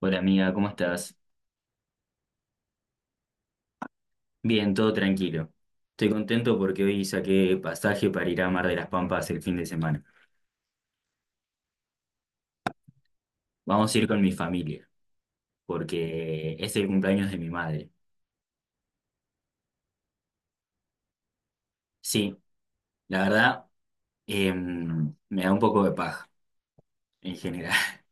Hola amiga, ¿cómo estás? Bien, todo tranquilo. Estoy contento porque hoy saqué pasaje para ir a Mar de las Pampas el fin de semana. Vamos a ir con mi familia, porque es el cumpleaños de mi madre. Sí, la verdad, me da un poco de paja en general,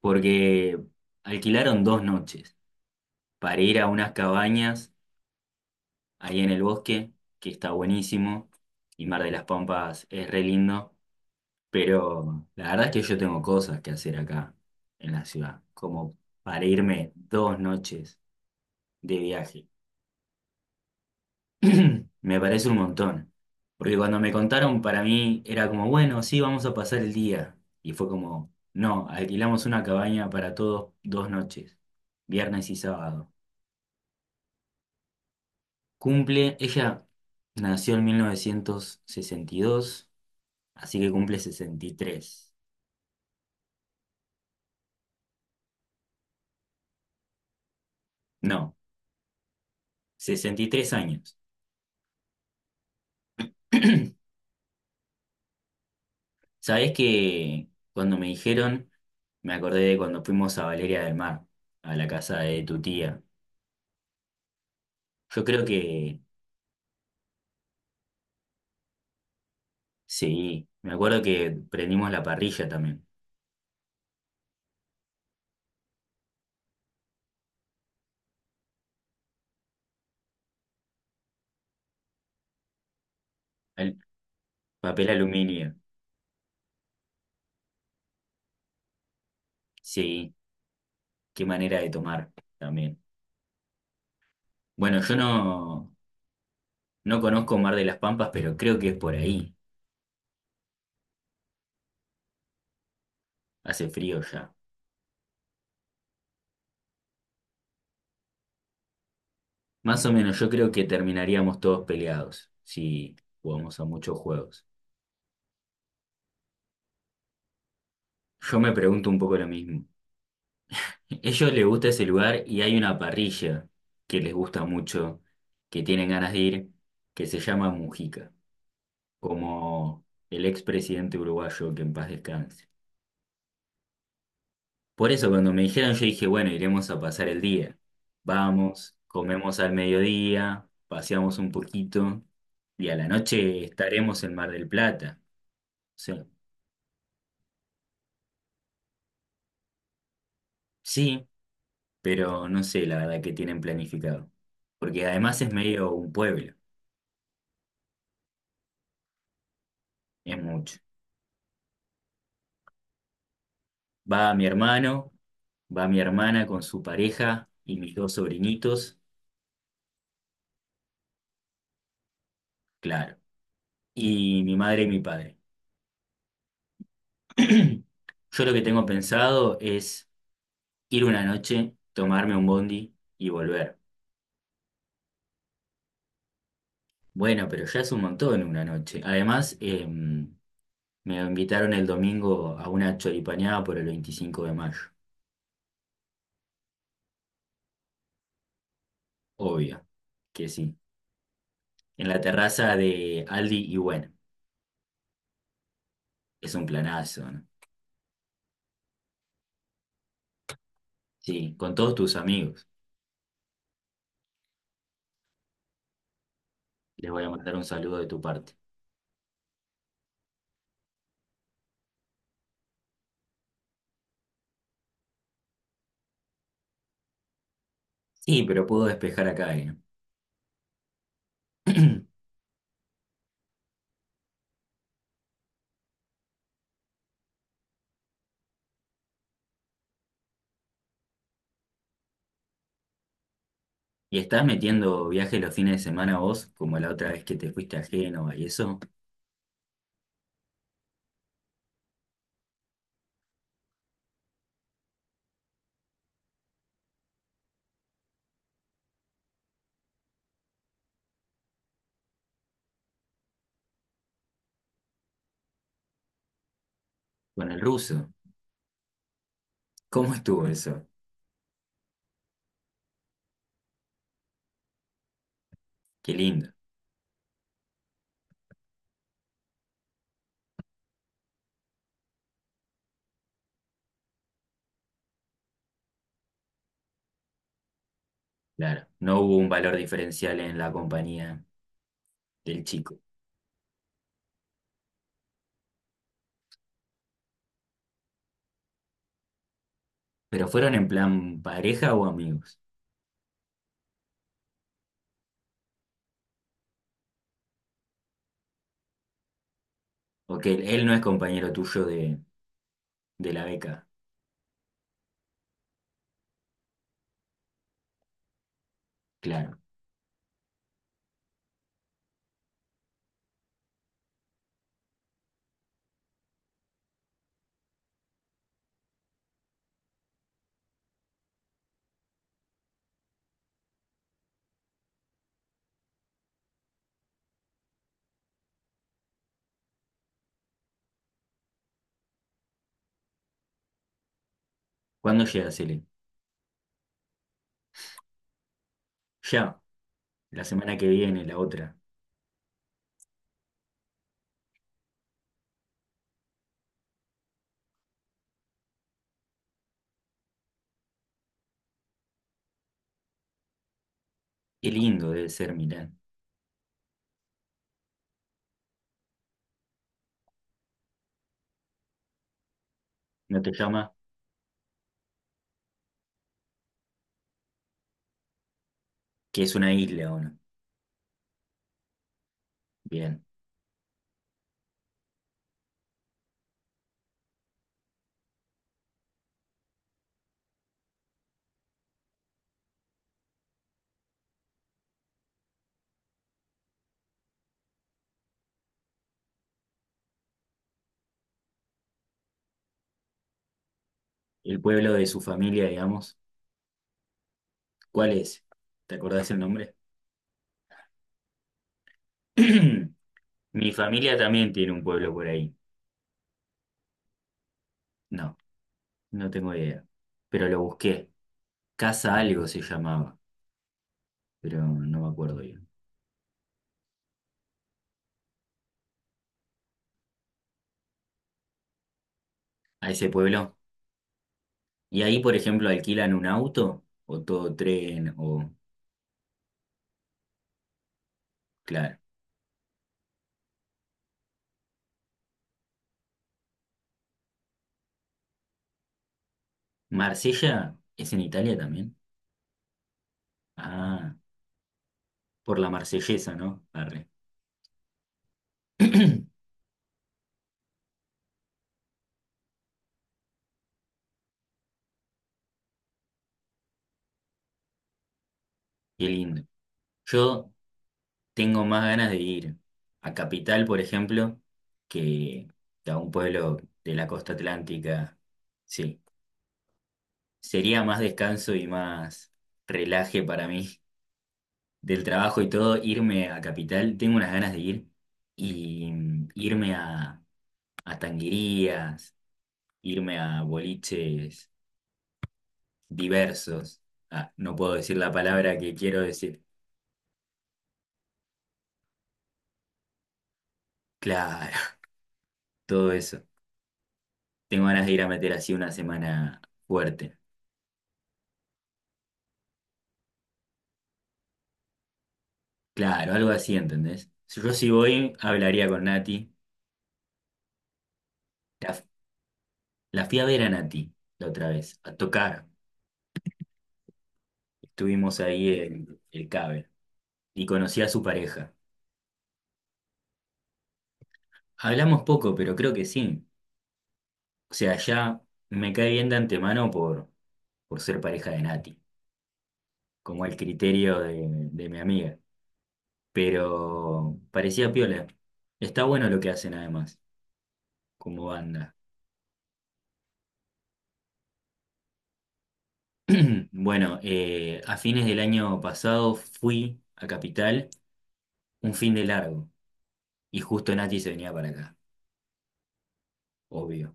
porque alquilaron dos noches para ir a unas cabañas ahí en el bosque, que está buenísimo, y Mar de las Pampas es re lindo. Pero la verdad es que yo tengo cosas que hacer acá en la ciudad, como para irme dos noches de viaje. Me parece un montón, porque cuando me contaron para mí era como, bueno, sí, vamos a pasar el día. Y fue como, no, alquilamos una cabaña para todos dos noches, viernes y sábado. Cumple, ella nació en 1962, así que cumple 63. No, 63 años. Sabés que cuando me dijeron, me acordé de cuando fuimos a Valeria del Mar, a la casa de tu tía. Yo creo que sí, me acuerdo que prendimos la parrilla también, el papel aluminio. Sí, qué manera de tomar también. Bueno, yo no, no conozco Mar de las Pampas, pero creo que es por ahí. Hace frío ya. Más o menos, yo creo que terminaríamos todos peleados si jugamos a muchos juegos. Yo me pregunto un poco lo mismo. Ellos les gusta ese lugar y hay una parrilla que les gusta mucho, que tienen ganas de ir, que se llama Mujica, como el expresidente uruguayo que en paz descanse. Por eso cuando me dijeron yo dije, bueno, iremos a pasar el día. Vamos, comemos al mediodía, paseamos un poquito y a la noche estaremos en Mar del Plata. O sea, sí, pero no sé la verdad que tienen planificado, porque además es medio un pueblo, es mucho. Va mi hermano, va mi hermana con su pareja y mis dos sobrinitos, claro, y mi madre y mi padre. Yo lo que tengo pensado es ir una noche, tomarme un bondi y volver. Bueno, pero ya es un montón una noche. Además, me invitaron el domingo a una choripaneada por el 25 de mayo. Obvio que sí. En la terraza de Aldi y bueno, es un planazo, ¿no? Sí, con todos tus amigos. Les voy a mandar un saludo de tu parte. Sí, pero puedo despejar acá, ¿eh? ¿Y estás metiendo viajes los fines de semana vos, como la otra vez que te fuiste a Génova y eso, con el ruso? ¿Cómo estuvo eso? Qué lindo. Claro, no hubo un valor diferencial en la compañía del chico. ¿Pero fueron en plan pareja o amigos? Porque él no es compañero tuyo de la beca. Claro. ¿Cuándo llegas, Ele? Ya, la semana que viene, la otra. Qué lindo debe ser Milán. ¿No te llama? Que es una isla, ¿o no? Bien. El pueblo de su familia, digamos. ¿Cuál es? ¿Te acordás el nombre? Mi familia también tiene un pueblo por ahí. No, no tengo idea. Pero lo busqué. Casa algo se llamaba, pero no me acuerdo bien. A ese pueblo. Y ahí, por ejemplo, ¿alquilan un auto o todo tren o...? Claro. Marsella es en Italia también. Ah, por la marsellesa, ¿no? Arre. Qué lindo. Yo tengo más ganas de ir a Capital, por ejemplo, que que a un pueblo de la costa atlántica. Sí, sería más descanso y más relaje para mí del trabajo y todo irme a Capital. Tengo unas ganas de ir y irme a tanguerías, irme a boliches diversos. Ah, no puedo decir la palabra que quiero decir. Claro, todo eso. Tengo ganas de ir a meter así una semana fuerte. Claro, algo así, ¿entendés? Si yo si voy, hablaría con Nati. La, la fui a ver a Nati la otra vez, a tocar. Estuvimos ahí en el Cabe y conocí a su pareja. Hablamos poco, pero creo que sí. O sea, ya me cae bien de antemano por ser pareja de Nati, como el criterio de mi amiga. Pero parecía piola. Está bueno lo que hacen además, como banda. Bueno, a fines del año pasado fui a Capital un fin de largo. Y justo Nachi se venía para acá, obvio.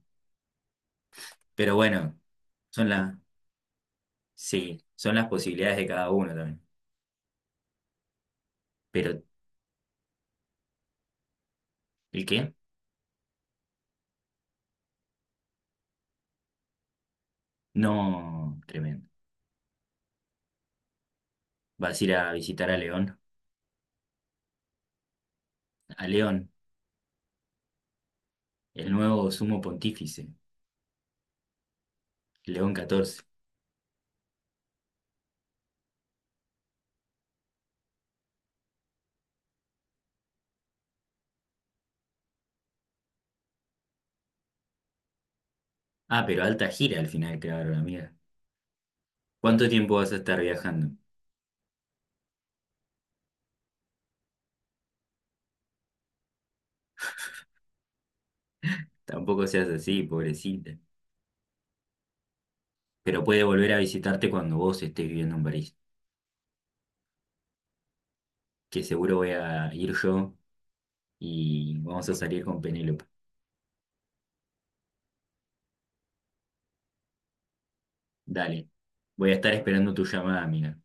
Pero bueno, son las, sí, son las posibilidades de cada uno también. Pero, ¿el qué? No, tremendo. Vas a ir a visitar a León, el nuevo sumo pontífice, León XIV. Ah, pero alta gira al final, claro, amiga. ¿Cuánto tiempo vas a estar viajando? Tampoco seas así, pobrecita. Pero puede volver a visitarte cuando vos estés viviendo en París, que seguro voy a ir yo y vamos a salir con Penélope. Dale. Voy a estar esperando tu llamada, amiga.